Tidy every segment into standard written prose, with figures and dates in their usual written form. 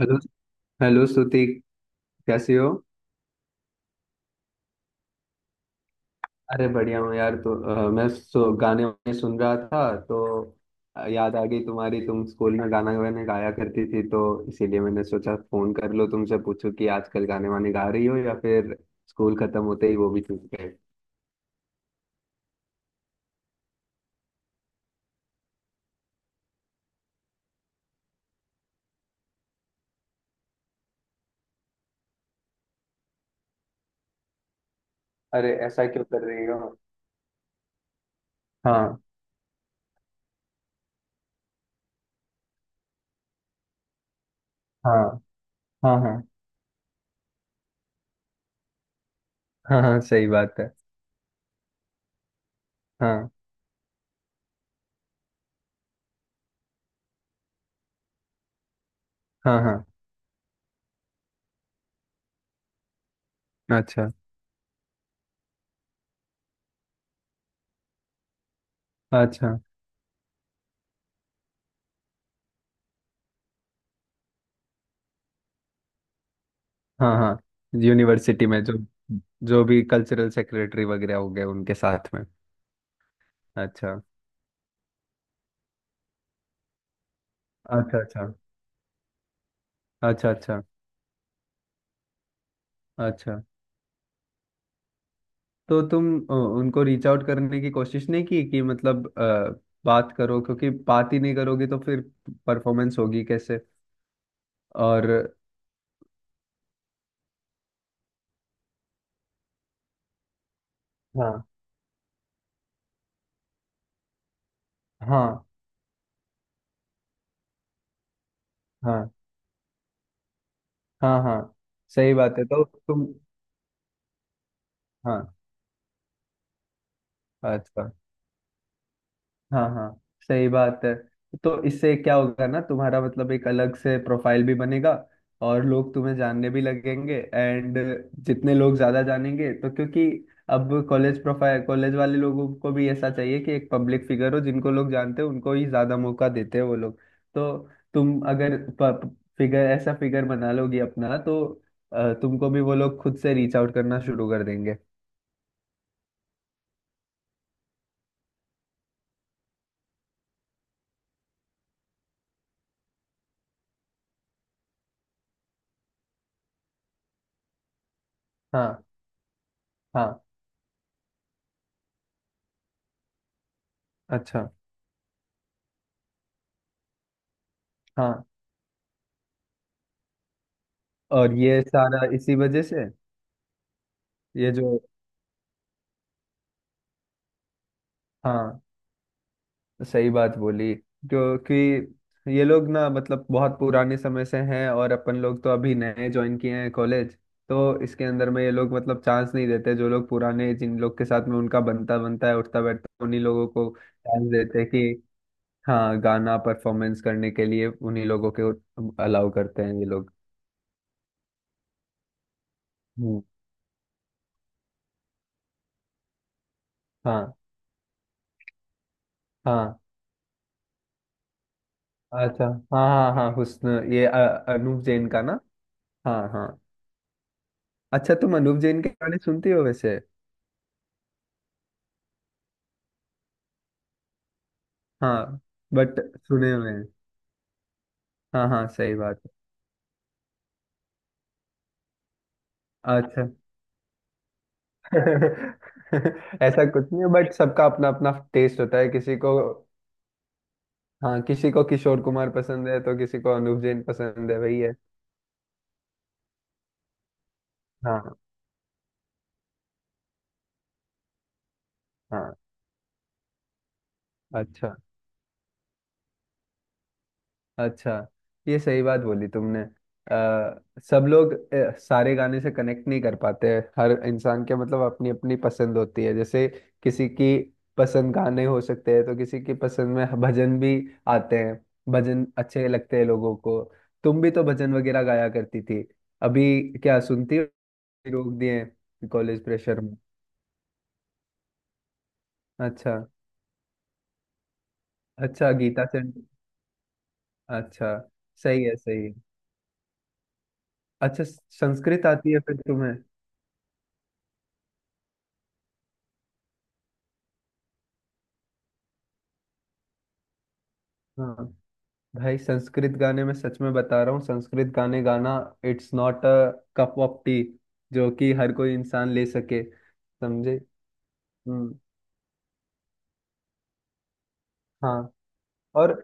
Hello. Hello Shruti, कैसी हो? अरे, बढ़िया हूँ यार। तो मैं गाने वाने सुन रहा था। तो याद आ गई तुम्हारी। तुम स्कूल में गाना वाने गाया करती थी, तो इसीलिए मैंने सोचा फोन कर लो, तुमसे पूछूं कि आजकल गाने वाने गा रही हो या फिर स्कूल खत्म होते ही वो भी छूट गए। अरे, ऐसा क्यों कर रही हो? हाँ। हाँ। हाँ। हाँ। हाँ। हाँ, सही बात है। हाँ। हाँ। हाँ। अच्छा। अच्छा। हाँ। हाँ। यूनिवर्सिटी में जो जो भी कल्चरल सेक्रेटरी वगैरह हो गए उनके साथ में। अच्छा। अच्छा। अच्छा। अच्छा। अच्छा। अच्छा। तो तुम उनको रीच आउट करने की कोशिश नहीं की कि मतलब बात करो, क्योंकि बात ही नहीं करोगी तो फिर परफॉर्मेंस होगी कैसे? और? हाँ। हाँ। हाँ। हाँ। हाँ, सही बात है, तो तुम। हाँ। अच्छा। हाँ, हाँ, सही बात है। तो इससे क्या होगा ना, तुम्हारा मतलब एक अलग से प्रोफाइल भी बनेगा और लोग तुम्हें जानने भी लगेंगे। एंड जितने लोग ज्यादा जानेंगे तो क्योंकि अब कॉलेज प्रोफाइल, कॉलेज वाले लोगों को भी ऐसा चाहिए कि एक पब्लिक फिगर हो जिनको लोग जानते हैं, उनको ही ज्यादा मौका देते हैं वो लोग। तो तुम अगर फिगर ऐसा फिगर बना लोगी अपना, तो तुमको भी वो लोग खुद से रीच आउट करना शुरू कर देंगे। हाँ। हाँ। अच्छा। हाँ। और ये सारा इसी वजह से। ये जो हाँ, सही बात बोली। क्योंकि ये लोग ना मतलब बहुत पुराने समय से हैं और अपन लोग तो अभी नए ज्वाइन किए हैं कॉलेज। तो इसके अंदर में ये लोग मतलब चांस नहीं देते। जो लोग पुराने, जिन लोग के साथ में उनका बनता बनता है, उठता बैठता है, उन्हीं लोगों को चांस देते हैं कि हाँ, गाना परफॉर्मेंस करने के लिए उन्हीं लोगों के अलाउ करते हैं ये लोग। हम्म। हाँ। हाँ। अच्छा। हाँ, हाँ, हाँ हुस्न। ये अनूप जैन का ना। हाँ। हाँ। अच्छा, तुम अनूप जैन के गाने सुनती हो वैसे? हाँ, बट सुने हुए हैं। हाँ, हाँ, सही बात है। अच्छा। ऐसा कुछ नहीं है, बट सबका अपना अपना टेस्ट होता है, किसी को। हाँ, किसी को किशोर कुमार पसंद है तो किसी को अनूप जैन पसंद है, वही है। हाँ। हाँ। अच्छा। अच्छा। ये सही बात बोली तुमने। सब लोग सारे गाने से कनेक्ट नहीं कर पाते हैं। हर इंसान के मतलब अपनी अपनी पसंद होती है, जैसे किसी की पसंद गाने हो सकते हैं तो किसी की पसंद में भजन भी आते हैं। भजन अच्छे लगते हैं लोगों को। तुम भी तो भजन वगैरह गाया करती थी। अभी क्या सुनती हो? रोक दिए कॉलेज प्रेशर में? अच्छा। अच्छा, गीता सेन। अच्छा। सही है, सही है। अच्छा। संस्कृत आती है फिर तुम्हें? हाँ, भाई, संस्कृत गाने में सच में बता रहा हूँ, संस्कृत गाने गाना it's not a cup of tea, जो कि हर कोई इंसान ले सके। समझे। हम्म। हाँ। और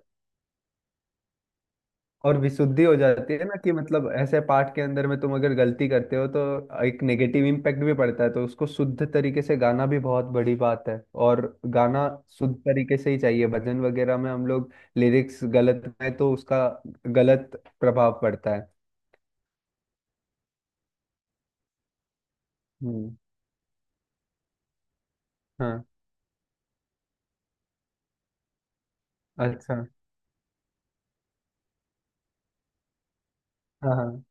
और विशुद्धि हो जाती है ना कि मतलब ऐसे पाठ के अंदर में तुम अगर गलती करते हो तो एक नेगेटिव इम्पैक्ट भी पड़ता है, तो उसको शुद्ध तरीके से गाना भी बहुत बड़ी बात है। और गाना शुद्ध तरीके से ही चाहिए, भजन वगैरह में हम लोग लिरिक्स गलत गाएं तो उसका गलत प्रभाव पड़ता है। हम्म। हाँ। अच्छा। हाँ। हाँ।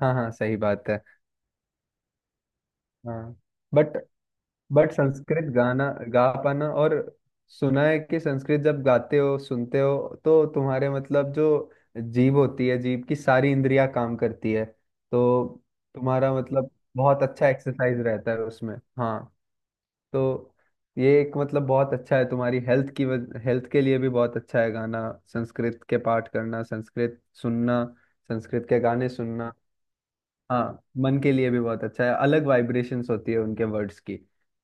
हाँ। हाँ, सही बात है। हाँ। बट बट संस्कृत गाना गा पाना और सुना है कि संस्कृत जब गाते हो, सुनते हो तो तुम्हारे मतलब जो जीभ होती है, जीभ की सारी इंद्रियां काम करती है। तो तुम्हारा मतलब बहुत अच्छा एक्सरसाइज रहता है उसमें। हाँ, तो ये एक मतलब बहुत अच्छा है तुम्हारी हेल्थ की, हेल्थ के लिए भी बहुत अच्छा है गाना, संस्कृत के पाठ करना, संस्कृत सुनना, संस्कृत के गाने सुनना। हाँ, मन के लिए भी बहुत अच्छा है, अलग वाइब्रेशंस होती है उनके वर्ड्स की।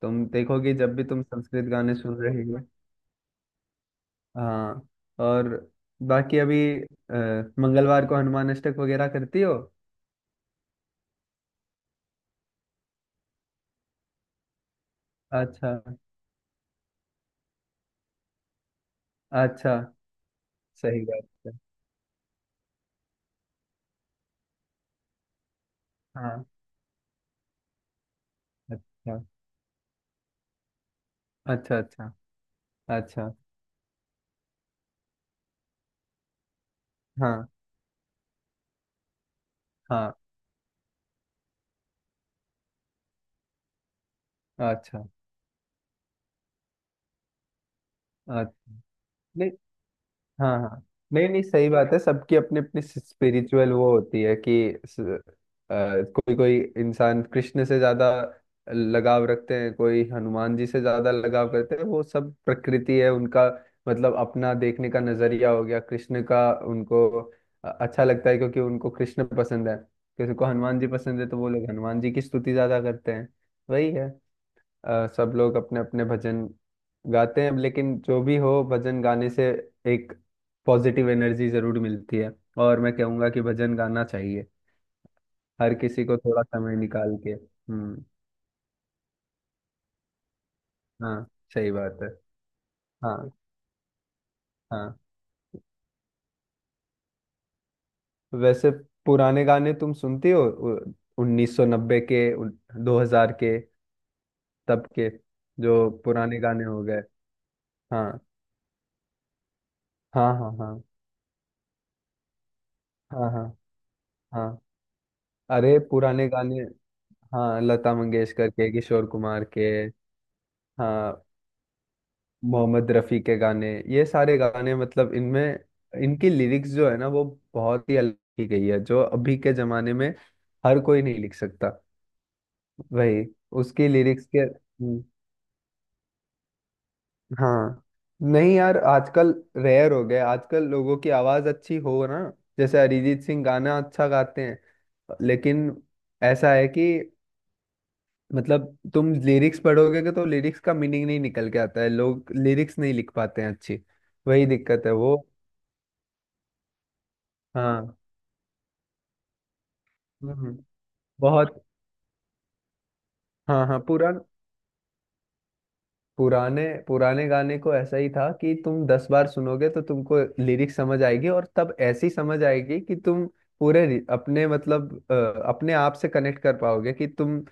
तुम देखोगे जब भी तुम संस्कृत गाने सुन रहे हो। हाँ। और बाकी अभी मंगलवार को हनुमान अष्टक वगैरह करती हो? अच्छा। अच्छा। सही बात है। हाँ। अच्छा। अच्छा। अच्छा। अच्छा। हाँ। हाँ। अच्छा। अच्छा। नहीं। हाँ। हाँ। नहीं, नहीं, सही बात है। सबकी अपनी अपनी स्पिरिचुअल वो होती है कि कोई कोई इंसान कृष्ण से ज्यादा लगाव रखते हैं, कोई हनुमान जी से ज्यादा लगाव करते हैं, वो सब प्रकृति है उनका। मतलब अपना देखने का नजरिया हो गया, कृष्ण का, उनको अच्छा लगता है क्योंकि उनको कृष्ण पसंद है। किसी को हनुमान जी पसंद है तो वो लोग हनुमान जी की स्तुति ज्यादा करते हैं। वही है। सब लोग अपने अपने भजन गाते हैं, लेकिन जो भी हो, भजन गाने से एक पॉजिटिव एनर्जी जरूर मिलती है, और मैं कहूँगा कि भजन गाना चाहिए हर किसी को थोड़ा समय निकाल के। हम्म। हाँ, सही बात है। हाँ। हाँ। वैसे पुराने गाने तुम सुनती हो, 1990 के, 2000 के, तब के, जो पुराने गाने हो गए। हाँ। हाँ। हाँ। हाँ। हाँ। हाँ। हाँ। अरे, पुराने गाने, हाँ, लता मंगेशकर के, किशोर कुमार के। हाँ, मोहम्मद रफ़ी के गाने, ये सारे गाने मतलब इनमें, इनकी लिरिक्स जो है ना वो बहुत ही अलग की गई है, जो अभी के जमाने में हर कोई नहीं लिख सकता। वही उसकी लिरिक्स के। हम्म। हाँ। नहीं यार, आजकल रेयर हो गया आजकल लोगों की आवाज अच्छी हो ना, जैसे अरिजीत सिंह गाना अच्छा गाते हैं लेकिन ऐसा है कि मतलब तुम लिरिक्स पढ़ोगे, कि तो लिरिक्स का मीनिंग नहीं निकल के आता है, लोग लिरिक्स नहीं लिख पाते हैं अच्छी, वही दिक्कत है वो। हाँ। हम्म। हम्म। बहुत। हाँ। हाँ। पुराने पुराने गाने को ऐसा ही था कि तुम 10 बार सुनोगे तो तुमको लिरिक्स समझ आएगी, और तब ऐसी समझ आएगी कि तुम पूरे अपने मतलब अपने आप से कनेक्ट कर पाओगे कि तुम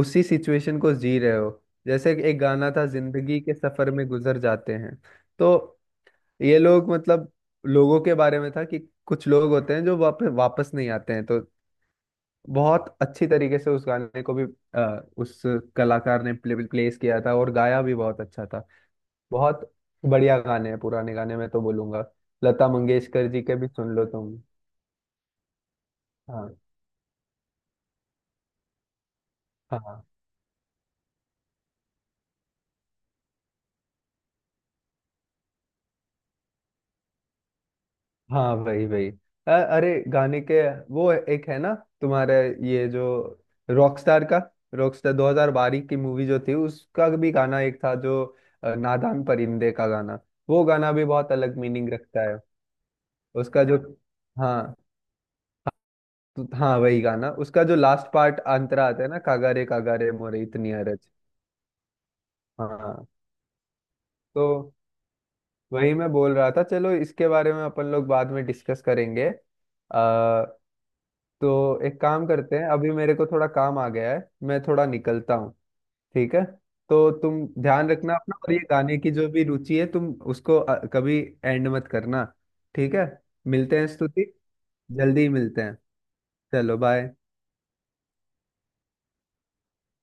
उसी सिचुएशन को जी रहे हो। जैसे कि एक गाना था, जिंदगी के सफर में गुजर जाते हैं। तो ये लोग मतलब लोगों के बारे में था कि कुछ लोग होते हैं जो वापस वापस नहीं आते हैं, तो बहुत अच्छी तरीके से उस गाने को भी उस कलाकार ने प्लेस किया था, और गाया भी बहुत अच्छा था। बहुत बढ़िया गाने हैं पुराने गाने, मैं तो बोलूंगा लता मंगेशकर जी के भी सुन लो तुम। हाँ। हाँ। हाँ, वही वही। अरे, गाने के, वो एक है ना, तुम्हारे ये जो रॉकस्टार का रॉकस्टार 2012 की मूवी जो थी उसका भी गाना एक था, जो नादान परिंदे का गाना, वो गाना भी बहुत अलग मीनिंग रखता है। उसका जो, हाँ, तो हाँ वही गाना, उसका जो लास्ट पार्ट अंतरा आता है ना, कागारे कागारे मोरे इतनी अरज। हाँ। तो वही मैं बोल रहा था, चलो इसके बारे में अपन लोग बाद में डिस्कस करेंगे। आ, तो एक काम करते हैं, अभी मेरे को थोड़ा काम आ गया है, मैं थोड़ा निकलता हूँ। ठीक है। तो तुम ध्यान रखना अपना, और ये गाने की जो भी रुचि है तुम उसको कभी एंड मत करना। ठीक है। मिलते हैं स्तुति, जल्दी ही मिलते हैं। चलो, बाय।